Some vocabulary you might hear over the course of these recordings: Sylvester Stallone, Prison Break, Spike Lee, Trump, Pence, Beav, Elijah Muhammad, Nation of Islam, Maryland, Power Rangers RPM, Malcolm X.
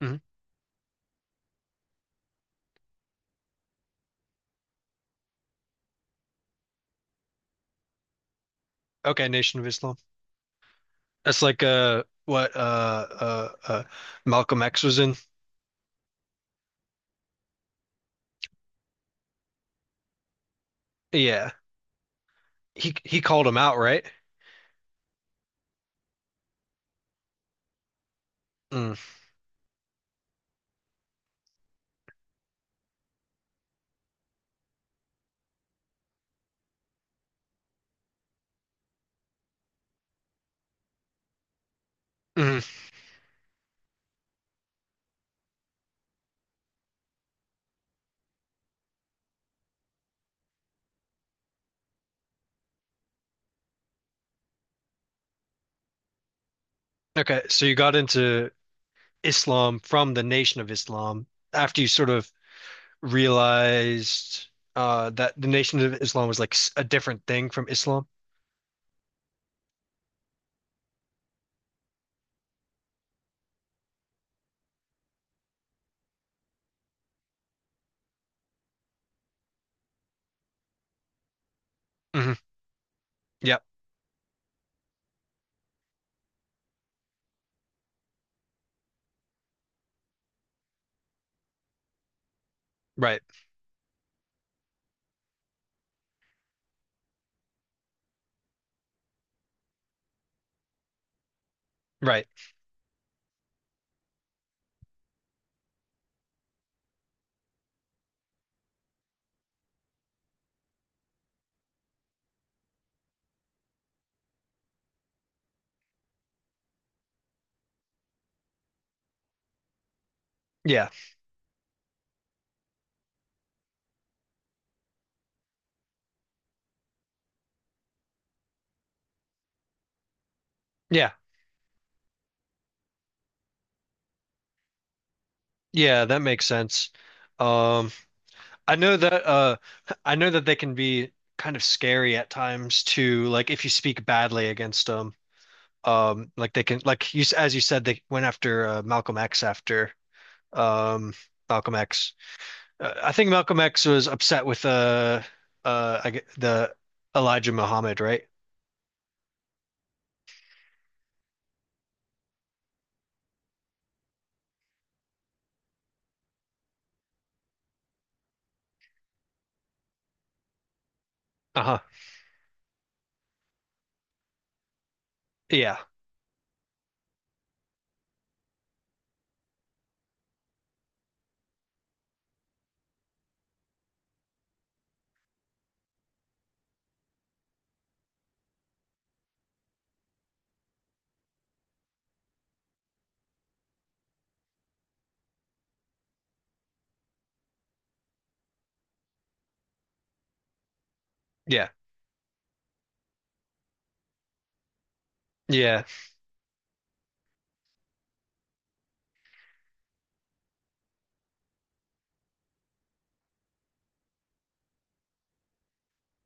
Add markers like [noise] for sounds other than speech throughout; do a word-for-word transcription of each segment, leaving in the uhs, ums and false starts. Mhm. Okay, Nation of Islam. That's like uh what uh uh uh Malcolm X was in. Yeah. He he called him out, right? Mm. Mhm. Okay, so you got into Islam from the Nation of Islam after you sort of realized uh that the Nation of Islam was like s- a different thing from Islam. hmm Yep, right. Right. Yeah. Yeah. Yeah, that makes sense. Um I know that uh I know that they can be kind of scary at times too, like if you speak badly against them. Um like they can like you s- as you said they went after uh, Malcolm X after um Malcolm X. Uh, I think Malcolm X was upset with uh uh I, gue- the Elijah Muhammad, right? Uh-huh. Yeah. Yeah. Yeah.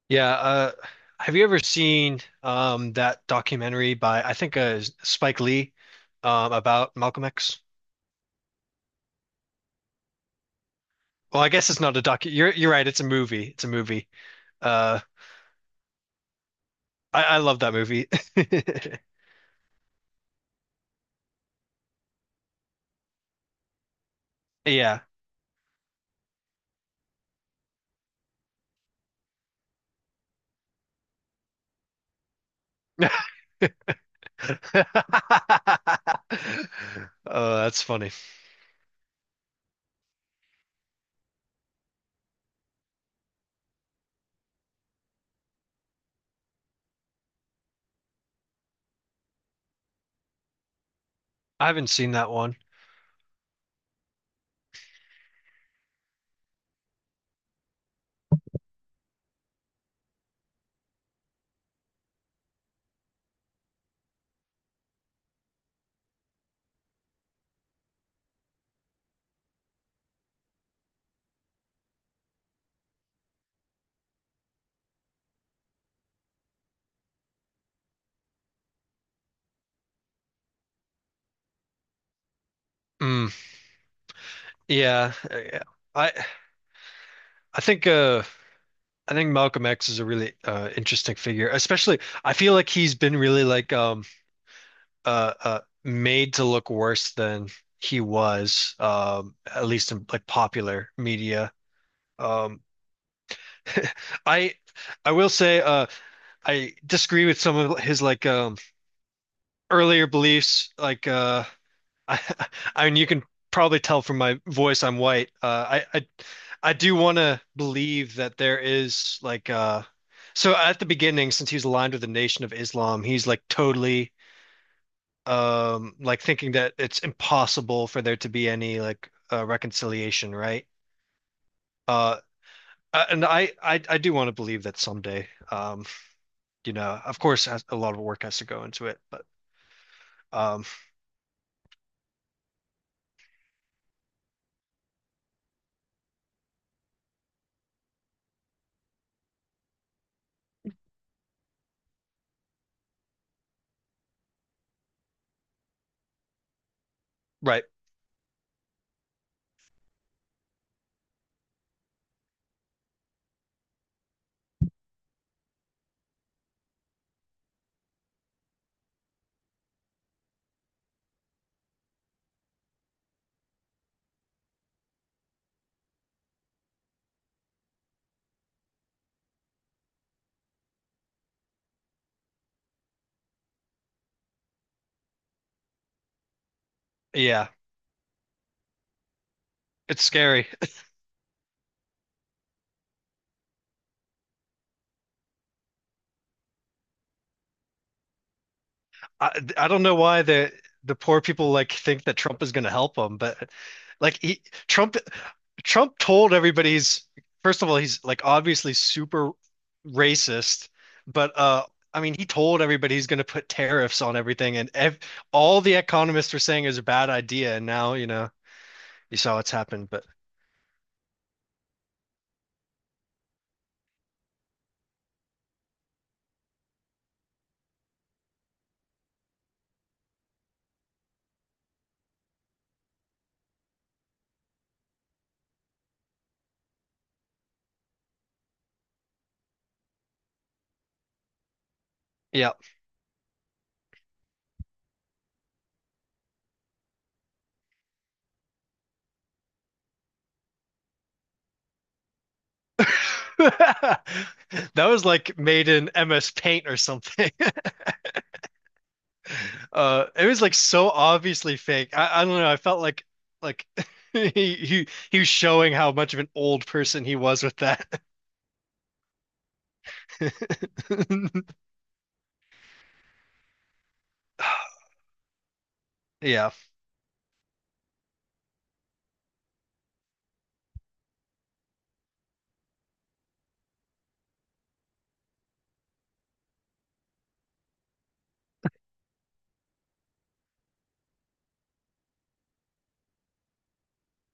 Yeah, uh have you ever seen um that documentary by I think uh Spike Lee um about Malcolm X? Well, I guess it's not a doc. You're you're right. It's a movie. It's a movie. Uh, I, I love that movie. [laughs] Yeah. [laughs] Oh, that's funny. I haven't seen that one. Mm, yeah, yeah. I I think uh I think Malcolm X is a really uh interesting figure. Especially I feel like he's been really like um uh uh made to look worse than he was um at least in like popular media. Um [laughs] I I will say uh I disagree with some of his like um earlier beliefs. Like uh [laughs] I, I mean you can probably tell from my voice I'm white. Uh I I, I do want to believe that there is like uh so at the beginning since he's aligned with the Nation of Islam, he's like totally um like thinking that it's impossible for there to be any like uh, reconciliation, right? Uh uh, and I, I, I do want to believe that someday, um, you know, of course, has- a lot of work has to go into it, but um, right. Yeah. It's scary. [laughs] I I don't know why the the poor people like think that Trump is going to help them, but like he Trump Trump told everybody he's first of all he's like obviously super racist, but uh I mean he told everybody he's going to put tariffs on everything and ev all the economists were saying is a bad idea and now, you know, you saw what's happened, but yeah. [laughs] That was like made in M S Paint or something. Uh, it was like so obviously fake. I, I don't know. I felt like like [laughs] he, he he was showing how much of an old person he was with that. [laughs] Yeah.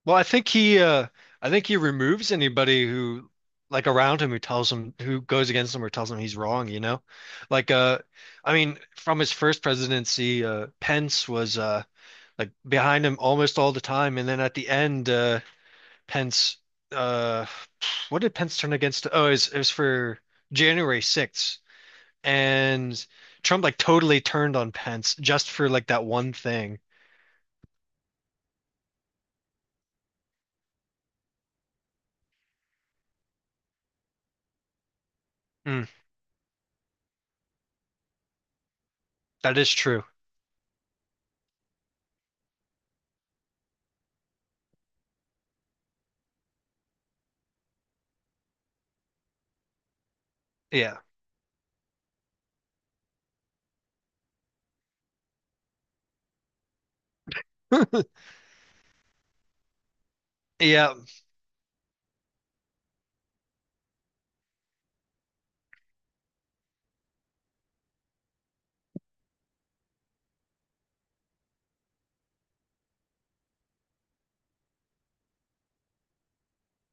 Well, I think he uh I think he removes anybody who like around him who tells him who goes against him or tells him he's wrong, you know? Like uh I mean, from his first presidency, uh Pence was uh like behind him almost all the time and then at the end uh Pence. Uh, what did Pence turn against? Oh, it was, it was for January sixth, and Trump like totally turned on Pence just for like that one thing. Mm, that is true. Yeah, yeah,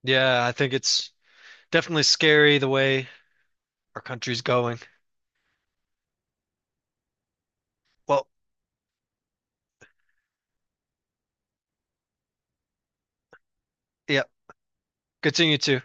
yeah. I think it's definitely scary the way our country's going. Well, yeah. Continue to.